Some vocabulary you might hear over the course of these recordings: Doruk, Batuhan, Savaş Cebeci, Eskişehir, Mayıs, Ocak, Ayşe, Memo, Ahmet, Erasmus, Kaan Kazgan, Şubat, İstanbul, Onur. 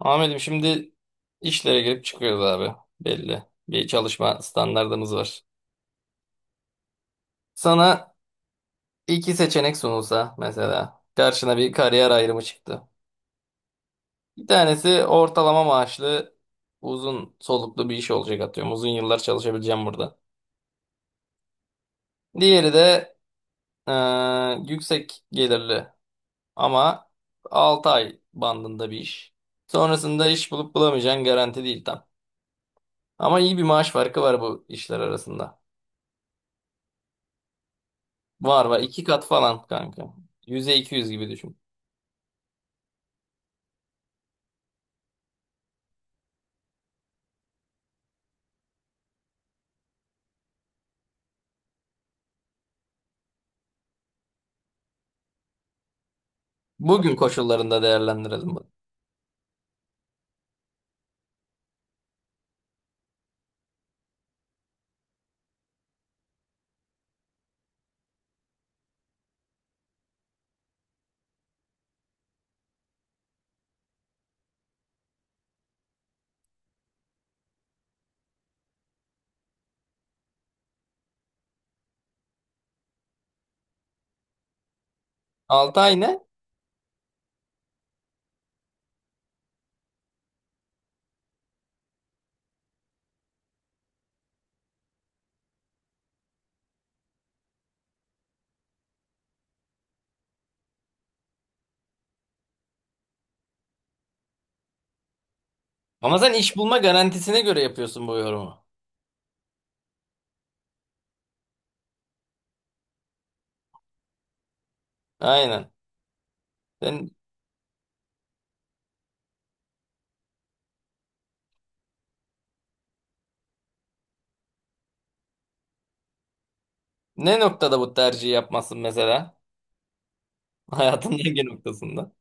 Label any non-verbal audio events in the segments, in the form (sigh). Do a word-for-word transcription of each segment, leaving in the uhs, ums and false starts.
Ahmet'im şimdi işlere girip çıkıyoruz abi. Belli. Bir çalışma standardımız var. Sana iki seçenek sunulsa mesela karşına bir kariyer ayrımı çıktı. Bir tanesi ortalama maaşlı uzun soluklu bir iş olacak atıyorum. Uzun yıllar çalışabileceğim burada. Diğeri de eee, yüksek gelirli ama altı ay bandında bir iş. Sonrasında iş bulup bulamayacağın garanti değil tam. Ama iyi bir maaş farkı var bu işler arasında. Var var. iki kat falan kanka. Yüze iki yüz gibi düşün. Bugün koşullarında değerlendirelim bunu. Altı ay ne? Ama sen iş bulma garantisine göre yapıyorsun bu yorumu. Aynen. Sen ne noktada bu tercihi yapmazsın mesela? (laughs) Hayatın hangi noktasında?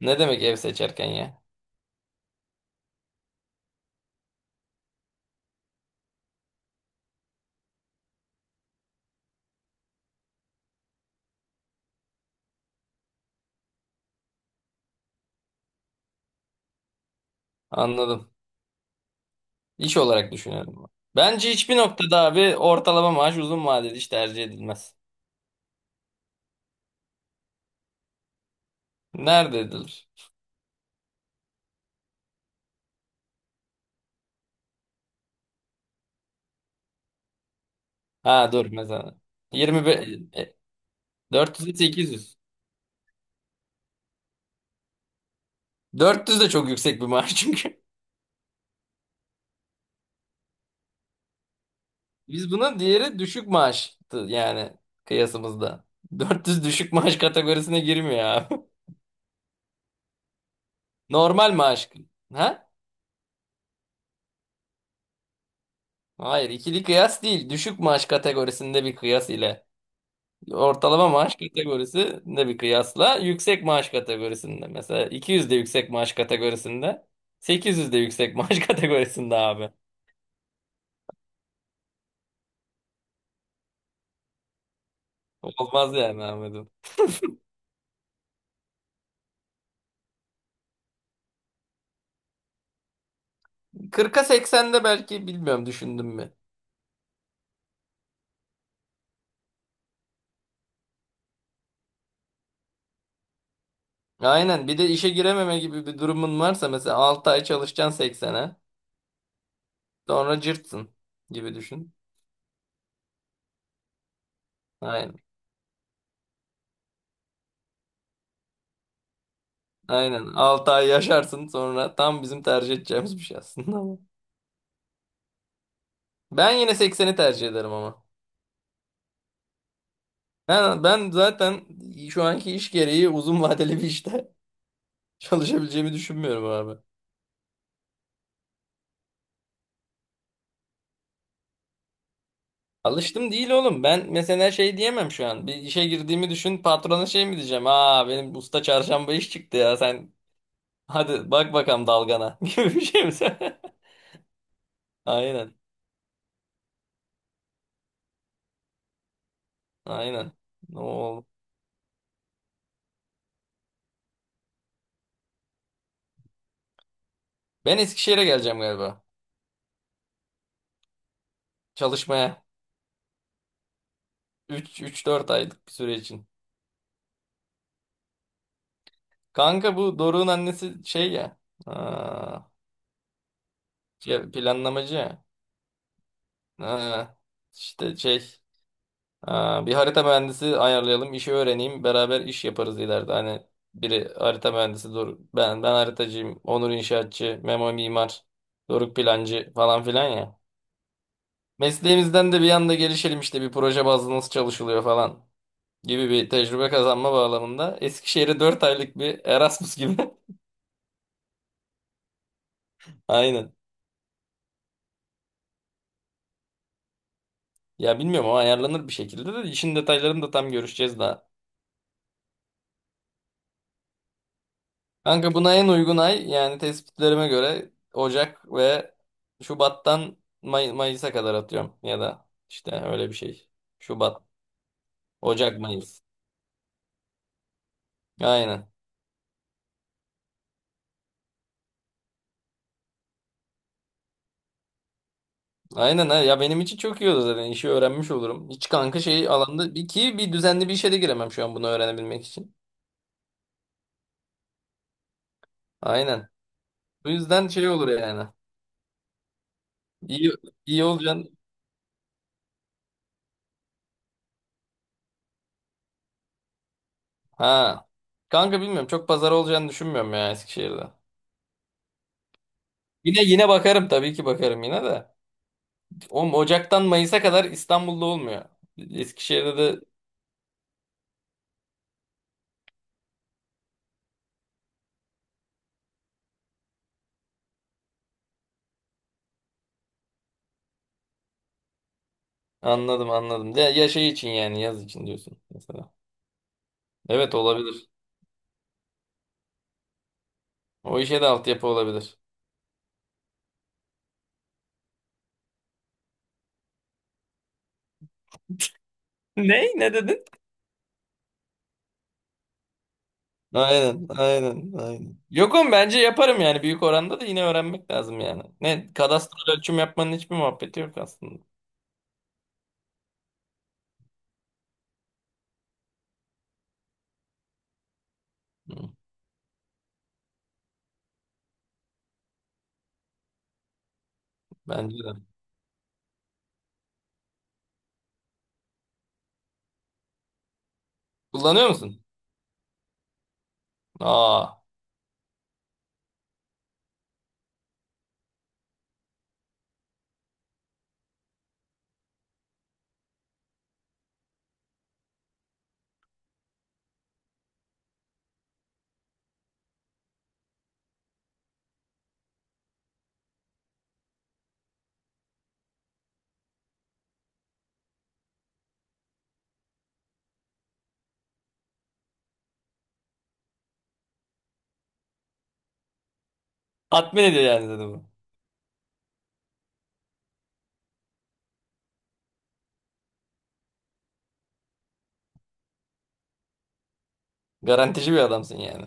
Ne demek ev seçerken ya? Anladım. İş olarak düşünüyorum ben. Bence hiçbir noktada abi ortalama maaş uzun vadeli iş tercih edilmez. Nerede edilir? Ha dur mesela. yirmi beş, e, dört yüz ile sekiz yüz. dört yüz de çok yüksek bir maaş çünkü. (laughs) Biz buna diğeri düşük maaştı yani kıyasımızda. dört yüz düşük maaş kategorisine girmiyor abi. (laughs) Normal maaş. Ha? Hayır, ikili kıyas değil. Düşük maaş kategorisinde bir kıyas ile ortalama maaş kategorisinde bir kıyasla yüksek maaş kategorisinde. Mesela iki yüz de yüksek maaş kategorisinde, sekiz yüz de yüksek maaş (laughs) kategorisinde abi. Olmaz yani Ahmet'im. kırka seksende belki bilmiyorum düşündüm mü? Aynen bir de işe girememe gibi bir durumun varsa mesela altı ay çalışacaksın seksene, sonra cırtsın gibi düşün. Aynen. Aynen altı ay yaşarsın sonra tam bizim tercih edeceğimiz bir şey aslında ama. Ben yine sekseni tercih ederim ama. Ben, ben zaten şu anki iş gereği uzun vadeli bir işte (laughs) çalışabileceğimi düşünmüyorum abi. Alıştım değil oğlum. Ben mesela şey diyemem şu an. Bir işe girdiğimi düşün patrona şey mi diyeceğim? Aa, benim usta çarşamba iş çıktı ya sen, hadi bak bakalım dalgana (laughs) gibi bir şey mi? Aynen. Aynen. Ne oldu? Ben Eskişehir'e geleceğim galiba. Çalışmaya. üç, üç dört aylık bir süre için. Kanka bu Doruk'un annesi şey ya. Aa, şey, planlamacı ya. Aa, işte şey. Aa, bir harita mühendisi ayarlayalım, işi öğreneyim, beraber iş yaparız ileride. Hani biri harita mühendisi, Doruk, ben ben haritacıyım, Onur inşaatçı, Memo mimar, Doruk plancı falan filan ya. Mesleğimizden de bir anda gelişelim işte bir proje bazlı nasıl çalışılıyor falan. Gibi bir tecrübe kazanma bağlamında Eskişehir'e dört aylık bir Erasmus gibi. (laughs) Aynen. Ya bilmiyorum o ayarlanır bir şekilde de işin detaylarını da tam görüşeceğiz daha. Kanka buna en uygun ay yani tespitlerime göre Ocak ve Şubat'tan May- Mayıs'a kadar atıyorum ya da işte öyle bir şey. Şubat, Ocak, Mayıs. Aynen. Aynen ha. Ya benim için çok iyi olur zaten. İşi öğrenmiş olurum. Hiç kanka şey alanda bir ki bir düzenli bir işe de giremem şu an bunu öğrenebilmek için. Aynen. Bu yüzden şey olur yani. İyi, iyi olacaksın. Ha. Kanka bilmiyorum. Çok pazar olacağını düşünmüyorum ya Eskişehir'de. Yine yine bakarım tabii ki bakarım yine de. Oğlum Ocak'tan Mayıs'a kadar İstanbul'da olmuyor. Eskişehir'de de. Anladım, anladım. Ya, ya şey için yani yaz için diyorsun mesela. Evet olabilir. O işe de altyapı olabilir. Ne? Ne dedin? Aynen, aynen, aynen. Yok oğlum bence yaparım yani büyük oranda da yine öğrenmek lazım yani. Ne kadastral ölçüm yapmanın hiçbir muhabbeti yok aslında. Hı, bence de. Kullanıyor musun? Aa. Tatmin ediyor yani dedi bu. Garantici bir adamsın yani.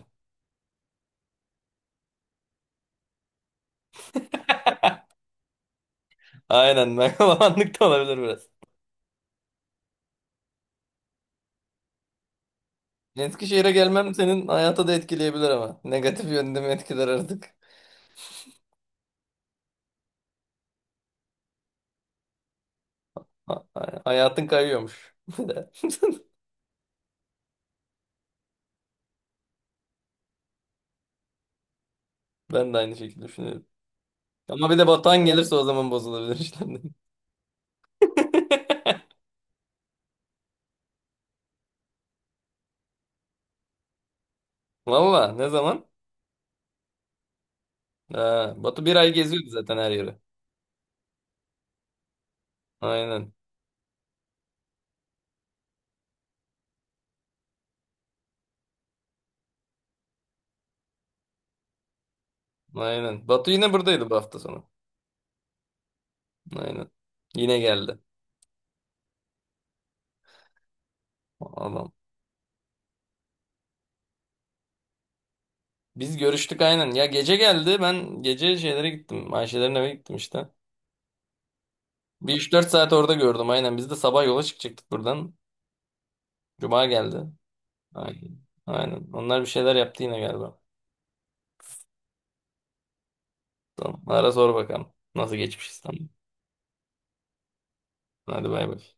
Aynen, (laughs) megalomanlık da olabilir biraz. Eskişehir'e gelmem senin hayata da etkileyebilir ama. Negatif yönde mi etkiler artık? Ha- ha- Hayatın kayıyormuş. (laughs) Bir de. Ben de aynı şekilde düşünüyorum. Ama bir de Batuhan gelirse o zaman bozulabilir işte. (laughs) Valla ne zaman? Ha, Batu bir ay geziyordu zaten her yeri. Aynen. Aynen. Batu yine buradaydı bu hafta sonu. Aynen. Yine geldi. Adam. Biz görüştük aynen. Ya gece geldi. Ben gece şeylere gittim. Ayşelerin eve gittim işte. Bir üç dört saat orada gördüm aynen. Biz de sabah yola çıkacaktık buradan. Cuma geldi. Aynen. Aynen. Onlar bir şeyler yaptı yine galiba. Tamam. Ara sor bakalım. Nasıl geçmiş İstanbul? Hadi bay bay.